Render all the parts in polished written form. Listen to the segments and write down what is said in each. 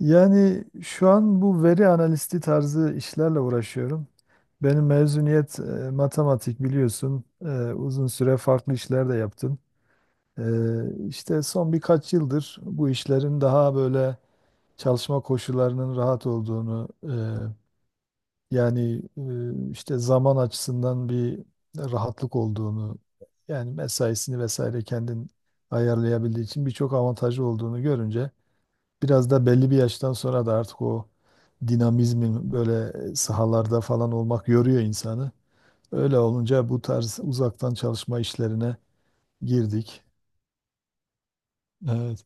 Yani şu an bu veri analisti tarzı işlerle uğraşıyorum. Benim mezuniyet matematik biliyorsun. Uzun süre farklı işler de yaptım. E, işte son birkaç yıldır bu işlerin daha böyle çalışma koşullarının rahat olduğunu, yani işte zaman açısından bir rahatlık olduğunu, yani mesaisini vesaire kendin ayarlayabildiği için birçok avantajı olduğunu görünce. Biraz da belli bir yaştan sonra da artık o dinamizmin böyle sahalarda falan olmak yoruyor insanı. Öyle olunca bu tarz uzaktan çalışma işlerine girdik. Evet.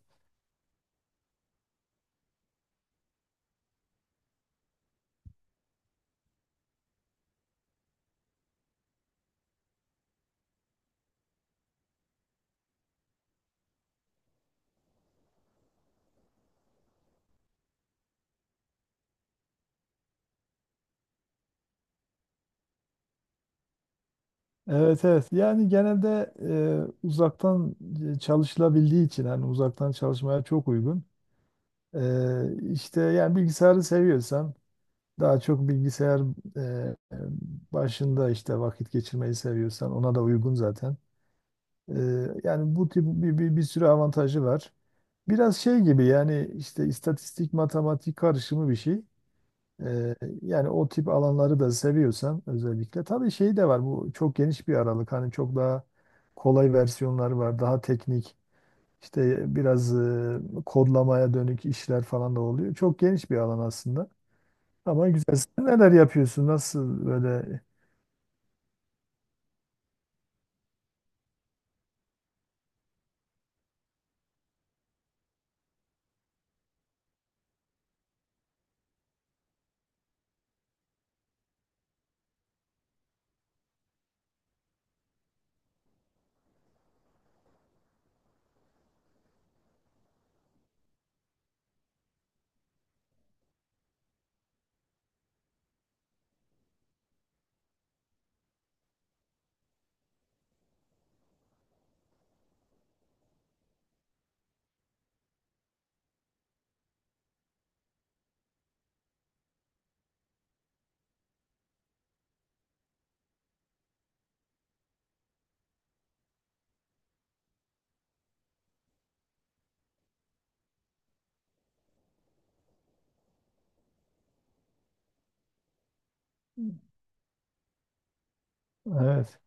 Evet, evet. Yani genelde uzaktan çalışılabildiği için hani uzaktan çalışmaya çok uygun. İşte yani bilgisayarı seviyorsan daha çok bilgisayar e, e, başında işte vakit geçirmeyi seviyorsan ona da uygun zaten. Ee, Yani bu tip bir sürü avantajı var. Biraz şey gibi yani işte istatistik, matematik karışımı bir şey. Ee, Yani o tip alanları da seviyorsan özellikle. Tabii şey de var, bu çok geniş bir aralık. Hani çok daha kolay versiyonları var. Daha teknik işte biraz kodlamaya dönük işler falan da oluyor. Çok geniş bir alan aslında. Ama güzel. Sen neler yapıyorsun? Nasıl böyle? Evet.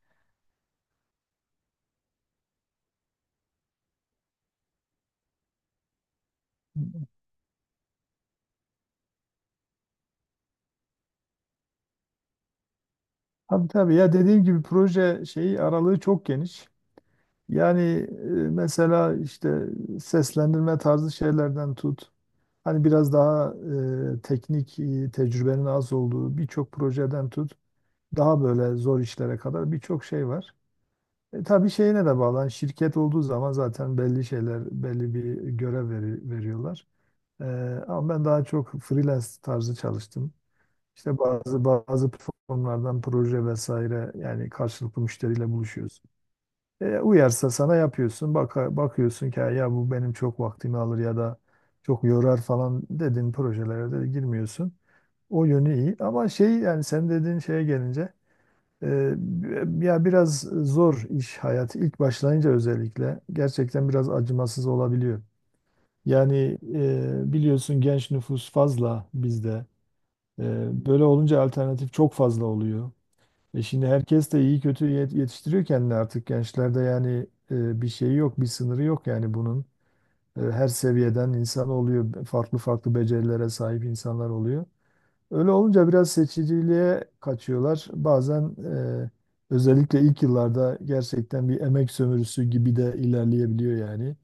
Tabii tabii ya, dediğim gibi proje şeyi aralığı çok geniş. Yani mesela işte seslendirme tarzı şeylerden tut. Hani biraz daha teknik tecrübenin az olduğu birçok projeden tut. Daha böyle zor işlere kadar birçok şey var. E, tabii şeyine de bağlı. Hani şirket olduğu zaman zaten belli şeyler, belli bir görev veriyorlar. E, Ama ben daha çok freelance tarzı çalıştım. İşte bazı platformlardan proje vesaire, yani karşılıklı müşteriyle buluşuyoruz. E, uyarsa sana yapıyorsun. Bakıyorsun ki "Ha, ya bu benim çok vaktimi alır ya da çok yorar" falan dedin, projelere de girmiyorsun. O yönü iyi. Ama şey, yani sen dediğin şeye gelince e, ya biraz zor iş hayatı ilk başlayınca, özellikle gerçekten biraz acımasız olabiliyor. Yani biliyorsun, genç nüfus fazla bizde. E, böyle olunca alternatif çok fazla oluyor. E şimdi herkes de iyi kötü yetiştiriyor kendini artık gençlerde, yani bir şey yok, bir sınırı yok yani bunun. E, her seviyeden insan oluyor, farklı farklı becerilere sahip insanlar oluyor. Öyle olunca biraz seçiciliğe kaçıyorlar. Bazen e, özellikle ilk yıllarda gerçekten bir emek sömürüsü gibi de ilerleyebiliyor yani.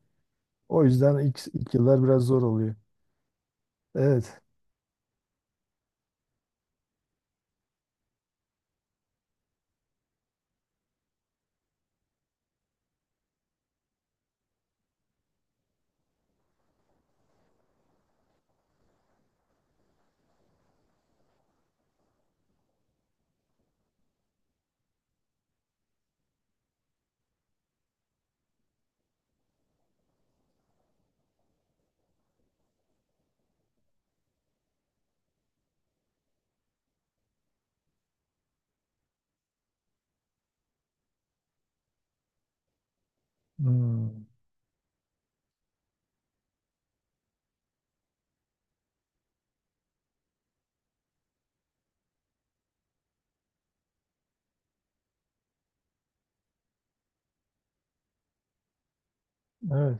O yüzden ilk yıllar biraz zor oluyor. Evet. Hmm. Evet.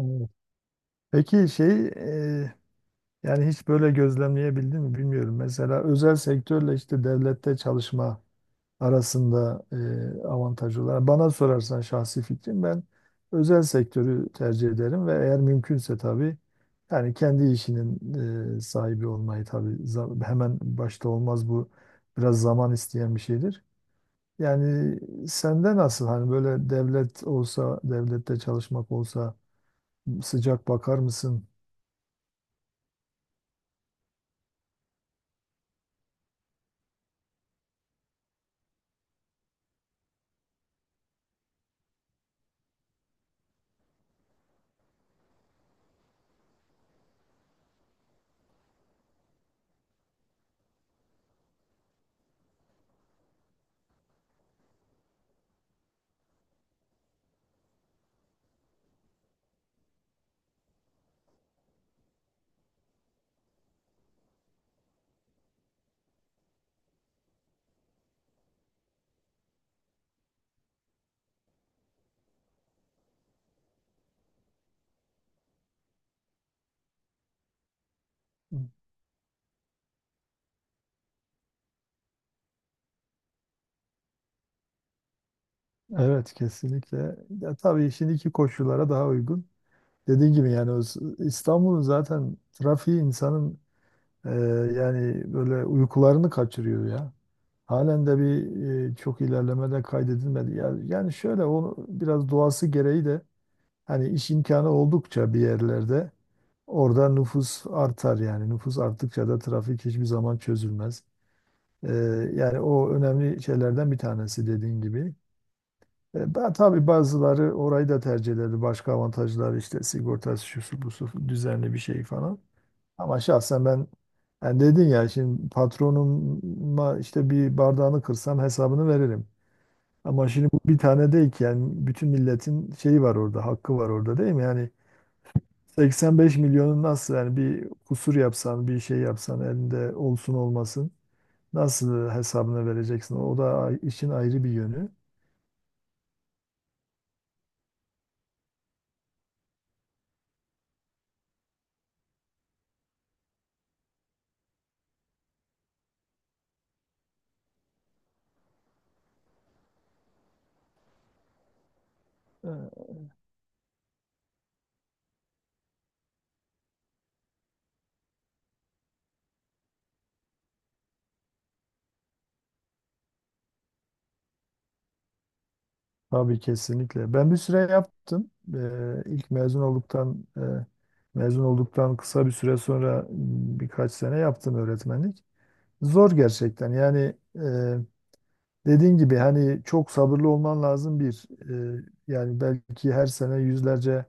Evet. Peki yani hiç böyle gözlemleyebildin mi bilmiyorum. Mesela özel sektörle işte devlette çalışma arasında avantajı olan. Bana sorarsan şahsi fikrim, ben özel sektörü tercih ederim ve eğer mümkünse tabii, yani kendi işinin sahibi olmayı tabii, hemen başta olmaz bu, biraz zaman isteyen bir şeydir. Yani sende nasıl, hani böyle devlet olsa, devlette çalışmak olsa sıcak bakar mısın? Evet, kesinlikle. Ya tabii şimdiki koşullara daha uygun. Dediğim gibi yani o İstanbul'un zaten trafiği insanın e, yani böyle uykularını kaçırıyor ya. Halen de bir çok ilerlemede kaydedilmedi. Yani şöyle, onu biraz doğası gereği de hani iş imkanı oldukça bir yerlerde orada nüfus artar yani. Nüfus arttıkça da trafik hiçbir zaman çözülmez. E, yani o önemli şeylerden bir tanesi dediğin gibi. E, tabii bazıları orayı da tercih ederdi. Başka avantajlar işte, sigortası şusu busu düzenli bir şey falan. Ama şahsen ben, yani dedin ya, şimdi patronuma işte bir bardağını kırsam hesabını veririm. Ama şimdi bu bir tane değil ki, yani bütün milletin şeyi var orada, hakkı var orada, değil mi? Yani 85 milyonun, nasıl yani, bir kusur yapsan, bir şey yapsan, elinde olsun olmasın nasıl hesabını vereceksin? O da işin ayrı bir yönü. E, tabii kesinlikle. Ben bir süre yaptım. İlk mezun olduktan, mezun olduktan kısa bir süre sonra birkaç sene yaptım öğretmenlik. Zor gerçekten. Yani dediğin gibi hani çok sabırlı olman lazım bir. Yani belki her sene yüzlerce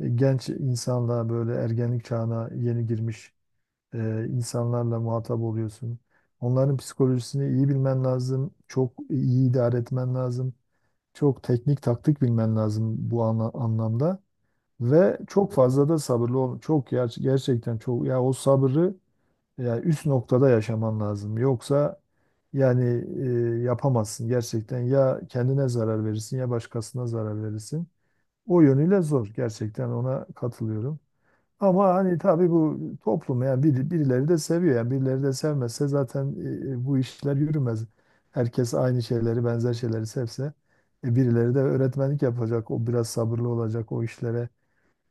genç insanla, böyle ergenlik çağına yeni girmiş insanlarla muhatap oluyorsun. Onların psikolojisini iyi bilmen lazım. Çok iyi idare etmen lazım. Çok teknik taktik bilmen lazım bu anlamda ve çok fazla da sabırlı ol. Çok gerçekten çok, ya o sabrı ya üst noktada yaşaman lazım. Yoksa yani yapamazsın gerçekten. Ya kendine zarar verirsin ya başkasına zarar verirsin. O yönüyle zor. Gerçekten ona katılıyorum. Ama hani tabii bu toplum yani birileri de seviyor, yani birileri de sevmezse zaten bu işler yürümez. Herkes aynı şeyleri, benzer şeyleri sevse birileri de öğretmenlik yapacak. O biraz sabırlı olacak, o işlere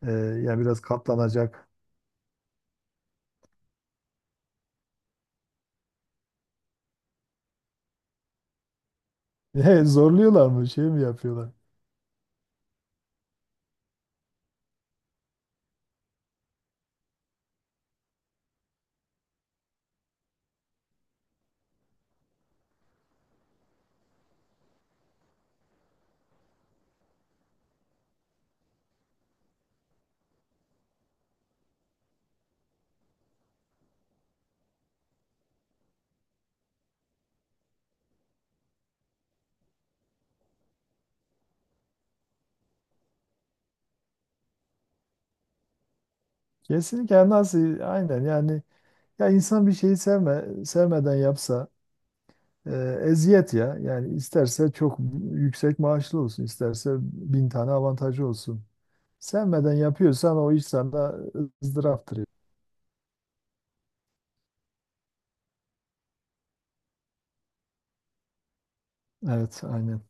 yani biraz katlanacak. E, zorluyorlar mı, şey mi yapıyorlar? Kesinlikle, yani nasıl, aynen yani. Ya insan bir şeyi sevmeden yapsa ee, eziyet ya. Yani isterse çok yüksek maaşlı olsun, isterse bin tane avantajı olsun. Sevmeden yapıyorsan o iş sana ızdıraftır. Evet, aynen.